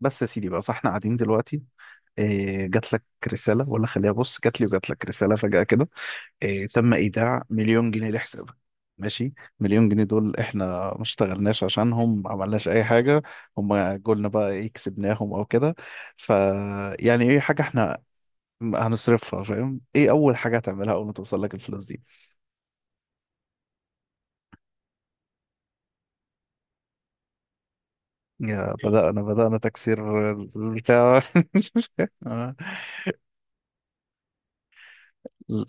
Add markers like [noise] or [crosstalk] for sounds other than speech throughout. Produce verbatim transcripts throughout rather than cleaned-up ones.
بس يا سيدي بقى، فاحنا قاعدين دلوقتي إيه؟ جات لك رسالة؟ ولا خليها، بص، جات لي وجات لك رسالة فجأة كده، إيه؟ تم إيداع مليون جنيه لحسابك. ماشي. مليون جنيه دول احنا ما اشتغلناش عشانهم، ما عملناش اي حاجة، هم جولنا بقى ايه، كسبناهم او كده. ف يعني ايه، حاجة احنا هنصرفها، فاهم؟ ايه اول حاجة هتعملها اول ما توصل لك الفلوس دي؟ يا بدأنا بدأنا تكسير البتاع. [laughs] آه.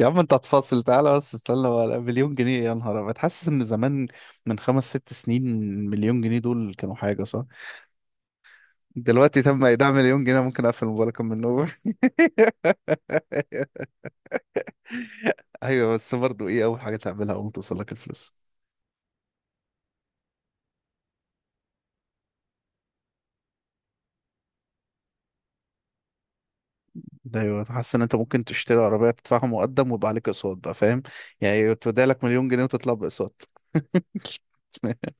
يا عم انت هتفاصل؟ تعالى بس، استنى بقى، مليون جنيه إيه؟ يا نهار ابيض، حاسس ان زمان، من خمس ست سنين، مليون جنيه دول كانوا حاجه، صح؟ دلوقتي تم ايداع مليون جنيه، ممكن اقفل الموبايل اكمل من النوم. [laughs] ايوه، بس برضه ايه اول حاجه تعملها اول ما توصلك الفلوس؟ ده ايوه، حاسس ان انت ممكن تشتري عربيه تدفعها مقدم ويبقى عليك اقساط بقى، فاهم؟ يعني تودع لك مليون جنيه وتطلع باقساط. [laughs]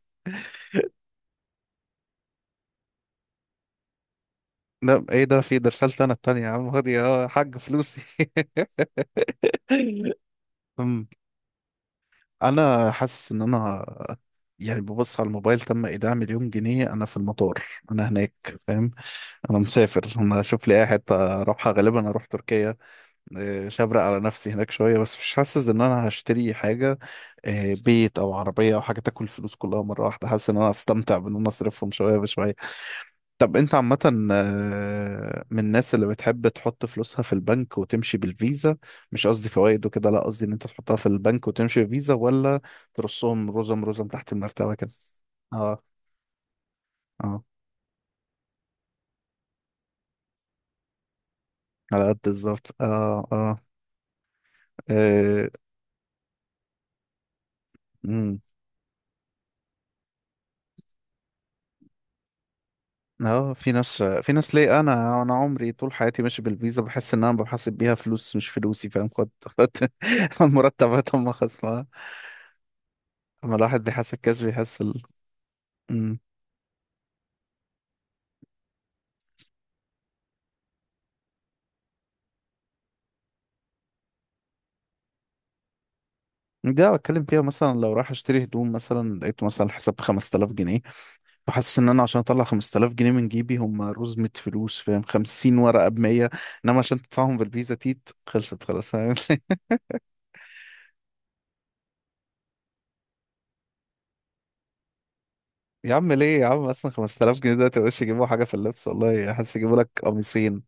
لا ايه ده؟ في ده رسالتي انا التانية، يا عم خد يا حاج فلوسي. [laughs] أمم. انا حاسس ان انا يعني ببص على الموبايل، تم ايداع مليون جنيه، انا في المطار، انا هناك، فاهم؟ انا مسافر، انا اشوف لي اي حته اروحها، غالبا اروح تركيا. إيه، شبرق على نفسي هناك شويه، بس مش حاسس ان انا هشتري حاجه، إيه، بيت او عربيه او حاجه تاكل الفلوس كلها مره واحده، حاسس ان انا هستمتع بان انا اصرفهم شويه بشويه. طب انت عامة آه، من الناس اللي بتحب تحط فلوسها في البنك وتمشي بالفيزا؟ مش قصدي فوائد وكده، لا قصدي ان انت تحطها في البنك وتمشي بالفيزا، ولا ترصهم رزم رزم تحت المرتبة كده؟ اه اه. على قد بالظبط، اه اه. اه. مم. اه، في ناس في ناس ليه، انا انا عمري طول حياتي ماشي بالفيزا، بحس ان انا بحاسب بيها فلوس مش فلوسي، فاهم؟ خد خد. [laughs] المرتبات هم خصمها. اما الواحد بيحاسب كاش بيحس ال... مم. دي أنا بتكلم فيها مثلا لو رايح اشتري هدوم، مثلا لقيت مثلا حساب ب خمسة آلاف جنيه، فحاسس ان انا عشان اطلع خمستلاف جنيه من جيبي، هم رزمة فلوس، فاهم؟ خمسين ورقة ب مية. انما عشان تدفعهم بالفيزا، تيت خلصت خلاص، فاهم؟ [laughs] يا عم ليه، يا عم اصلا خمستلاف جنيه ده تبقاش يجيبوا حاجة في اللبس، والله حاسس يجيبوا لك قميصين.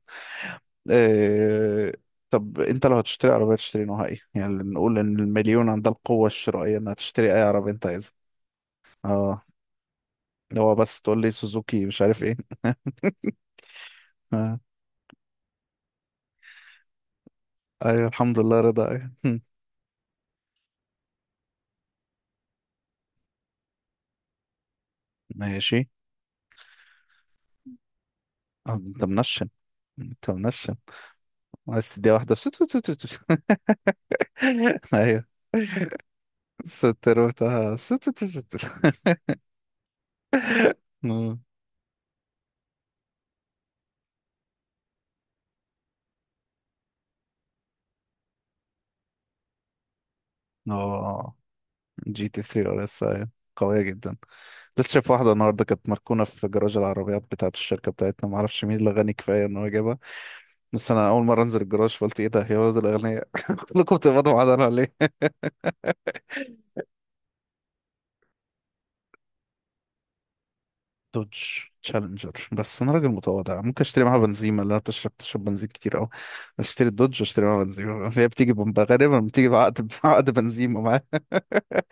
إيه... طب انت لو هتشتري عربية تشتري نوعها ايه؟ يعني نقول ان المليون عندها القوة الشرائية انها تشتري اي عربية انت عايزها. اه، هو بس تقول لي سوزوكي مش عارف ايه. [laughs] ايوه الحمد لله رضا، ايوه. [laughs] هم، ماشي. آه، انت منشن، انت منشن، عايز تديها واحدة سو تو تو تو تو. [laughs] ايوه، ستر بتاعها سو تو تو تو تو. [laughs] مم. اه، جي تي تلاتة ار اس، ايوه، قوية جدا. لسه شايف واحدة النهاردة كانت مركونة في جراج العربيات بتاعة الشركة بتاعتنا، معرفش مين اللي غني كفاية ان هو جابها. بس انا اول مرة انزل الجراج، فقلت ايه ده يا ولد الاغنياء، [laughs] كلكم بتقبضوا معانا ليه؟ دوج تشالنجر، بس انا راجل متواضع ممكن اشتري معاها بنزيمة، اللي انا بتشرب تشرب بنزين كتير قوي. اشتري الدوج واشتري معاها بنزيمة، هي بتيجي بم- غالبا بتيجي بعقد، [laughs] بعقد بنزيمة معاها.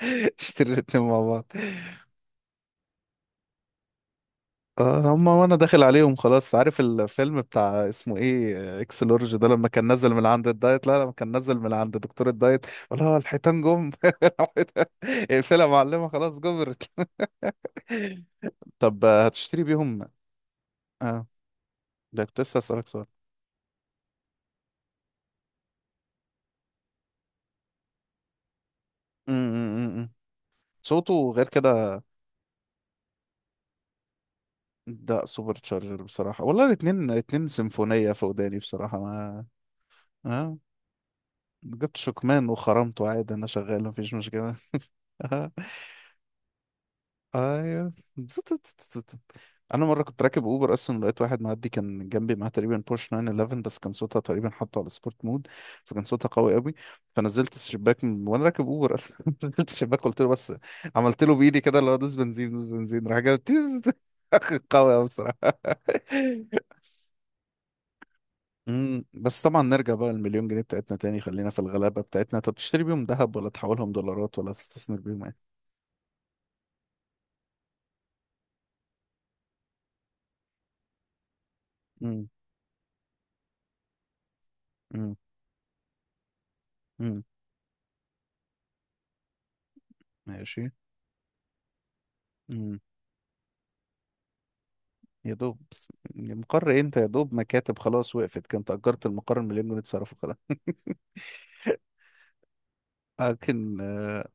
[laughs] اشتري الاتنين مع بعض. اه، هما وانا داخل عليهم خلاص. عارف الفيلم بتاع اسمه ايه آه، اكس لورج ده، لما كان نزل من عند الدايت، لا لما كان نزل من عند دكتور الدايت، ولا الحيتان جم. [laughs] اقفلها يا معلمة، خلاص جمرت. [laughs] طب آه، هتشتري بيهم؟ اه ده كنت لسه هسألك سؤال. صوته غير كده. ده سوبر تشارجر بصراحة، والله الاتنين اتنين سيمفونية في وداني بصراحة، ما اه جبت شكمان وخرمته عادي، انا شغال مفيش مشكلة. [laughs] ايوه. انا مرة كنت راكب اوبر اصلا، لقيت واحد معدي كان جنبي معاه تقريبا بورش ناين واحد واحد، بس كان صوتها تقريبا حاطه على سبورت مود، فكان صوتها قوي قوي، فنزلت الشباك من... وانا راكب اوبر اصلا، [laughs] نزلت الشباك قلت له بس، عملت له بايدي كده اللي هو دوس بنزين دوس بنزين، راح جاب تيز. [laughs] قوي قوي بصراحة. [laughs] امم بس طبعا نرجع بقى للمليون جنيه بتاعتنا تاني، خلينا في الغلابة بتاعتنا. طب تشتري بيهم ذهب ولا تحولهم دولارات ولا تستثمر بيهم ايه؟ امم امم امم ماشي. امم يا دوب بس مقر إيه؟ انت يا دوب مكاتب خلاص. وقفت، كنت اجرت المقر، المليون جنيه اتصرفوا خلاص. لكن آه،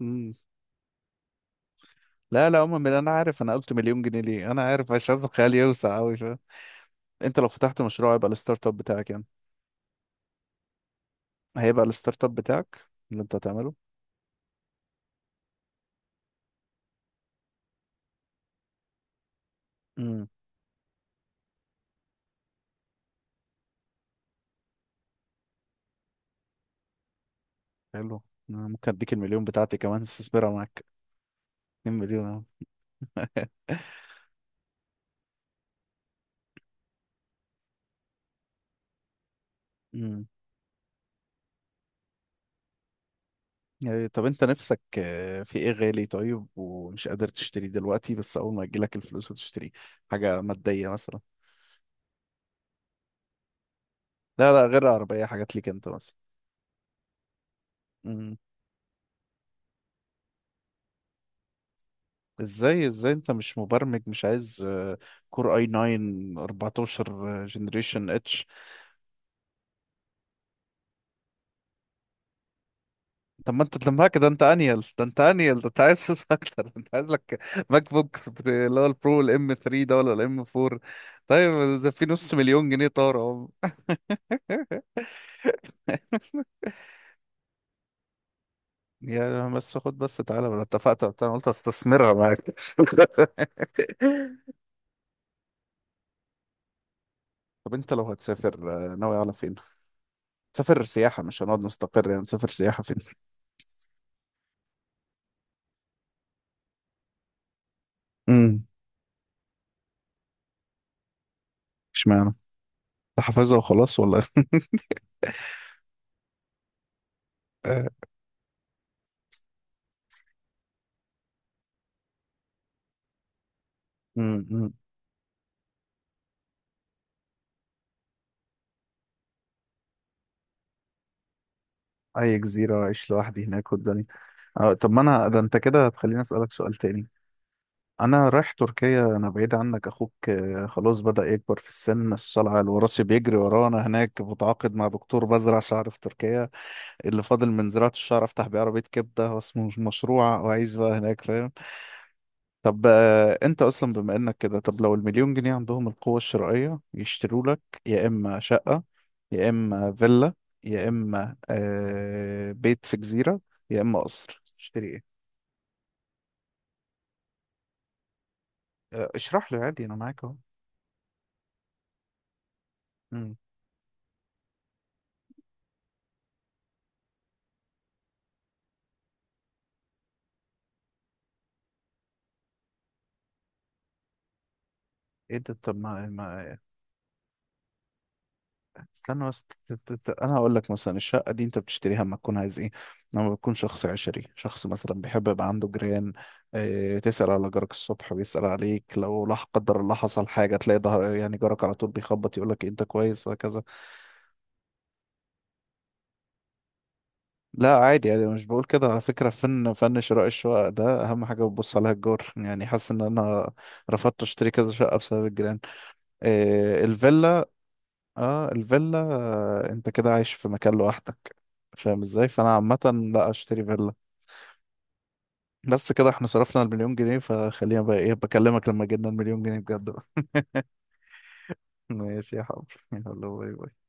امم لا لا عموما، من- انا عارف، انا قلت مليون جنيه ليه، انا عارف، مش عايز الخيال يوسع قوي شويه. انت لو فتحت مشروع هيبقى الستارت اب بتاعك يعني، هيبقى الستارت اب بتاعك اللي انت هتعمله. امم حلو. أنا ممكن اديك المليون بتاعتي كمان، استثمرها معاك، اتنين مليون. امم [laughs] يعني طب انت نفسك آه، في ايه غالي طيب ومش قادر تشتريه دلوقتي، بس اول ما يجيلك الفلوس هتشتريه؟ حاجة مادية مثلا. لا لا غير عربية، حاجات ليك انت مثلا. امم ازاي، ازاي انت مش مبرمج مش عايز آه، كور اي ناين اربعتاشر جنريشن اتش؟ طب ما انت تلمها كده، انت انيل ده انت انيل ده انت عايز فلوس اكتر، [laughs] انت عايز لك ماك بوك بري- اللي هو البرو الام ثري ده ولا الام فور. طيب ده في نص مليون جنيه طار اهو. [laughs] يا بس خد، بس تعالى، انا اتفقت وقتها، انا قلت استثمرها معاك. [laughs] طب انت لو هتسافر آه، ناوي على فين؟ تسافر سياحة مش هنقعد نستقر يعني، تسافر سياحة فين؟ امم اشمعنى؟ أنت حافظها وخلاص ولا؟ [laughs] آه، مم، مم. اي جزيرة واعيش لوحدي هناك والدنيا. آه، طب ما انا ده انت كده هتخليني اسألك سؤال تاني. انا رايح تركيا، انا بعيد عنك اخوك آه، خلاص بدأ يكبر في السن، الصلع الوراثي بيجري ورانا، هناك متعاقد مع دكتور بزرع شعر في تركيا. اللي فاضل من زراعة الشعر افتح بيه عربية كبدة واسمه مشروع واعيش بقى هناك، فاهم؟ طب آه، انت اصلا بما انك كده، طب لو المليون جنيه عندهم القوة الشرائية يشتروا لك، يا اما شقة، يا اما فيلا، يا اما آه بيت في جزيرة، يا اما قصر، تشتري ايه؟ آه، اشرح لي عادي انا معاك اهو. مم. ايه ده؟ طب ما استنى بس ت- ت- ت- انا هقول لك مثلا الشقه دي انت بتشتريها اما تكون عايز ايه؟ لما بتكون شخص عشري، شخص مثلا بيحب يبقى عنده جيران، اه تسال على جارك الصبح ويسال عليك، لو لا قدر الله حصل حاجه تلاقي ظهر يعني، جارك على طول بيخبط يقول لك إيه، انت كويس، وهكذا. لا عادي، يعني مش بقول كده، على فكره فن فن شراء الشقق ده اهم حاجه بتبص عليها الجار، يعني حاسس ان انا رفضت اشتري كذا شقه بسبب الجيران. آه، الفيلا، اه الفيلا، آه، انت كده عايش في مكان لوحدك، فاهم ازاي؟ فانا عامة لا، اشتري فيلا. بس كده احنا صرفنا المليون جنيه، فخلينا بقى ايه، بكلمك لما جبنا المليون جنيه بجد بقى. [laughs] ماشي يا حبيبي، يلا باي باي.